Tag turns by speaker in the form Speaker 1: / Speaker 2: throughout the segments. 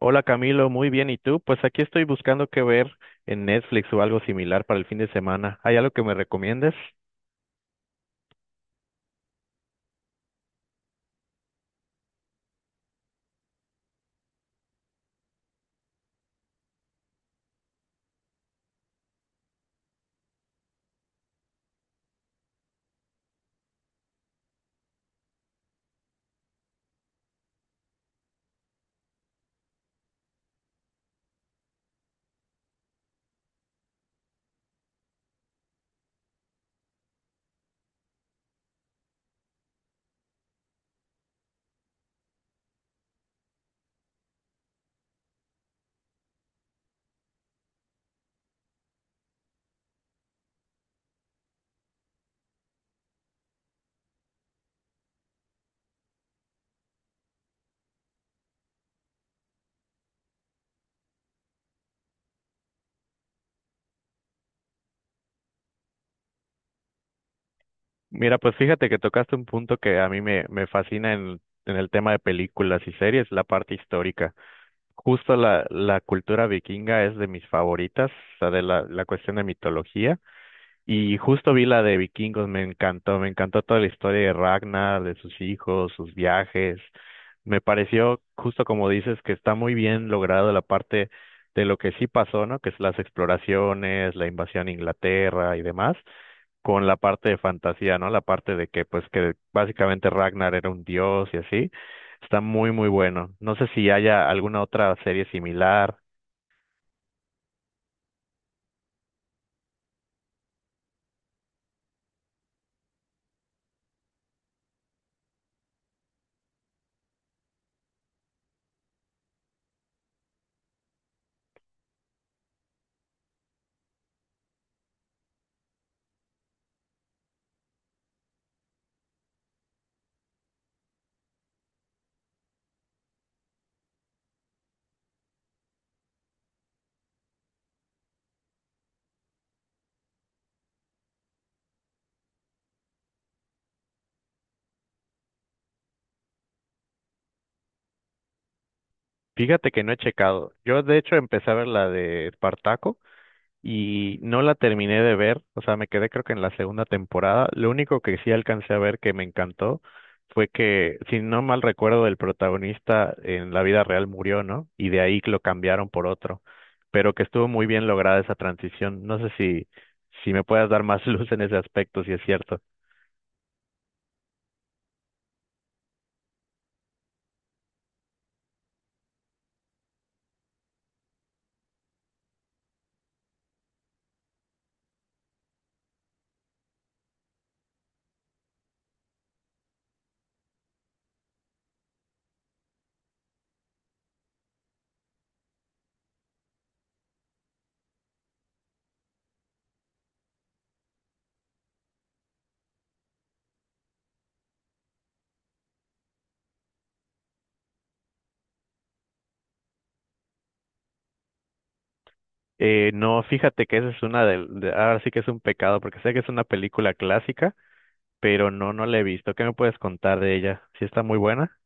Speaker 1: Hola Camilo, muy bien. ¿Y tú? Pues aquí estoy buscando qué ver en Netflix o algo similar para el fin de semana. ¿Hay algo que me recomiendes? Mira, pues fíjate que tocaste un punto que a mí me fascina en el tema de películas y series, la parte histórica. Justo la cultura vikinga es de mis favoritas, o sea, de la cuestión de mitología. Y justo vi la de Vikingos, me encantó toda la historia de Ragnar, de sus hijos, sus viajes. Me pareció, justo como dices, que está muy bien logrado la parte de lo que sí pasó, ¿no? Que es las exploraciones, la invasión a Inglaterra y demás, con la parte de fantasía, ¿no? La parte de que, pues, que básicamente Ragnar era un dios y así. Está muy, muy bueno. No sé si haya alguna otra serie similar. Fíjate que no he checado. Yo, de hecho, empecé a ver la de Espartaco y no la terminé de ver, o sea, me quedé creo que en la segunda temporada. Lo único que sí alcancé a ver que me encantó fue que, si no mal recuerdo, el protagonista en la vida real murió, ¿no? Y de ahí lo cambiaron por otro, pero que estuvo muy bien lograda esa transición. No sé si me puedas dar más luz en ese aspecto, si es cierto. No, fíjate que esa es una de ahora sí que es un pecado, porque sé que es una película clásica, pero no la he visto. ¿Qué me puedes contar de ella? ¿Si está muy buena?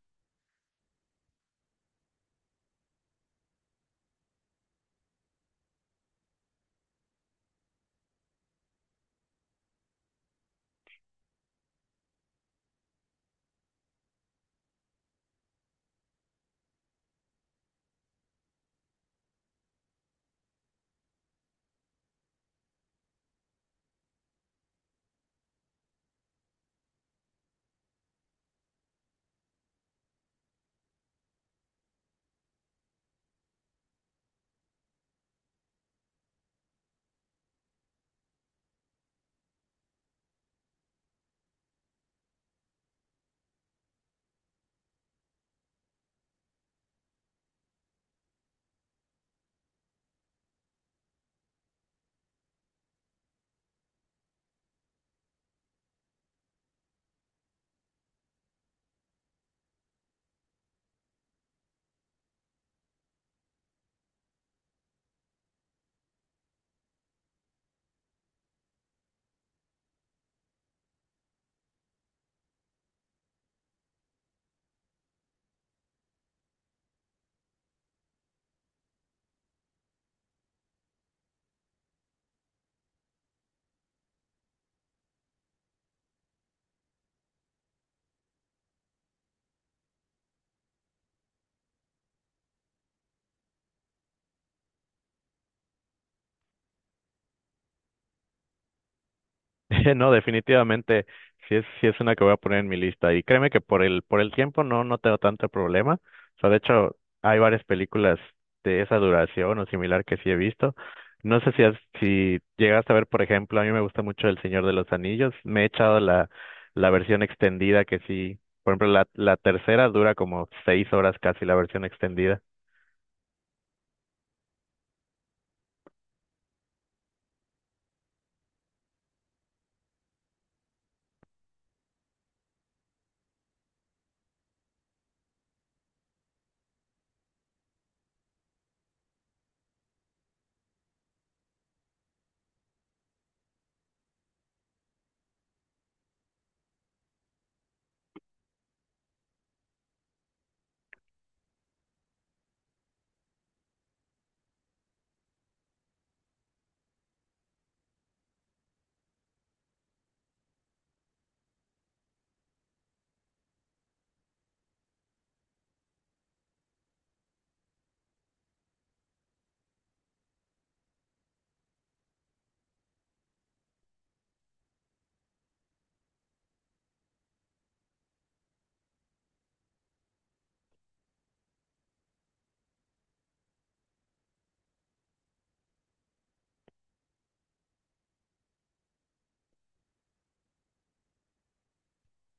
Speaker 1: No, definitivamente, sí es una que voy a poner en mi lista. Y créeme que por por el tiempo no tengo tanto problema. O sea, de hecho, hay varias películas de esa duración o similar que sí he visto. No sé si, si llegaste a ver, por ejemplo, a mí me gusta mucho El Señor de los Anillos. Me he echado la versión extendida que sí, por ejemplo, la tercera dura como 6 horas casi la versión extendida.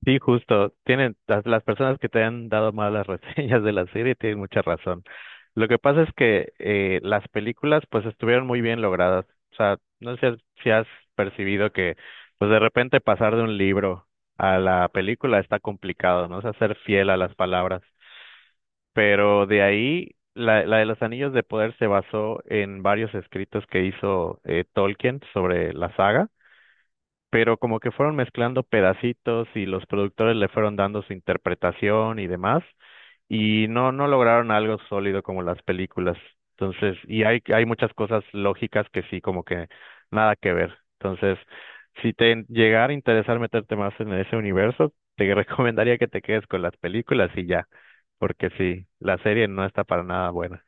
Speaker 1: Sí, justo. Tienen las personas que te han dado malas reseñas de la serie tienen mucha razón. Lo que pasa es que las películas pues estuvieron muy bien logradas. O sea, no sé si has percibido que pues de repente pasar de un libro a la película está complicado, ¿no? O sea, ser fiel a las palabras. Pero de ahí, la de los Anillos de Poder se basó en varios escritos que hizo Tolkien sobre la saga pero como que fueron mezclando pedacitos y los productores le fueron dando su interpretación y demás, y no lograron algo sólido como las películas. Entonces, y hay muchas cosas lógicas que sí, como que nada que ver. Entonces, si te llegara a interesar meterte más en ese universo, te recomendaría que te quedes con las películas y ya, porque sí, la serie no está para nada buena.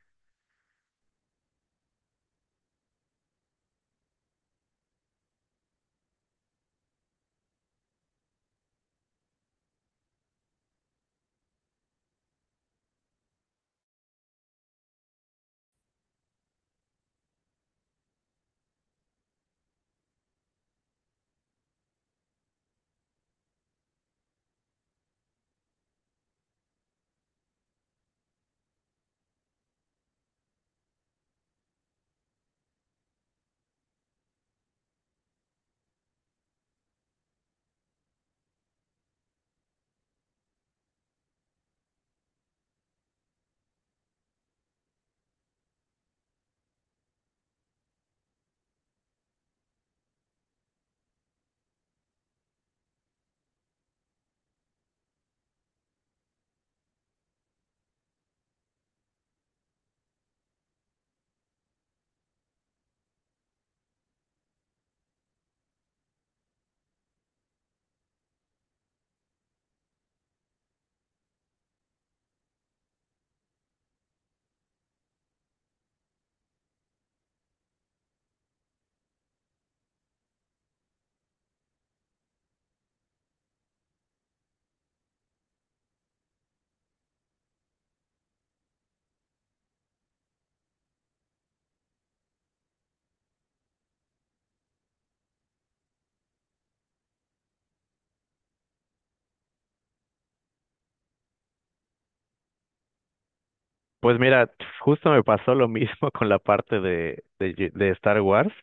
Speaker 1: Pues mira, justo me pasó lo mismo con la parte de Star Wars.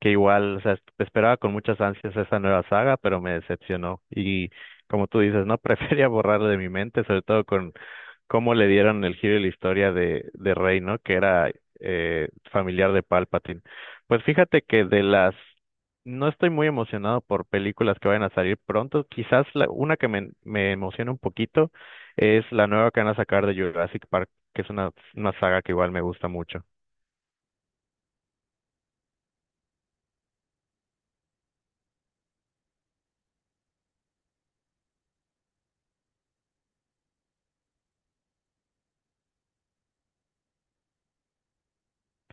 Speaker 1: Que igual, o sea, esperaba con muchas ansias esa nueva saga, pero me decepcionó. Y como tú dices, no prefería borrarla de mi mente, sobre todo con cómo le dieron el giro de la historia de Rey, ¿no? Que era familiar de Palpatine. Pues fíjate que de las... No estoy muy emocionado por películas que vayan a salir pronto. Quizás la, una que me emociona un poquito es la nueva que van a sacar de Jurassic Park, que es una saga que igual me gusta mucho.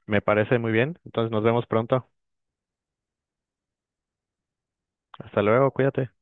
Speaker 1: Me parece muy bien. Entonces nos vemos pronto. Hasta luego, cuídate.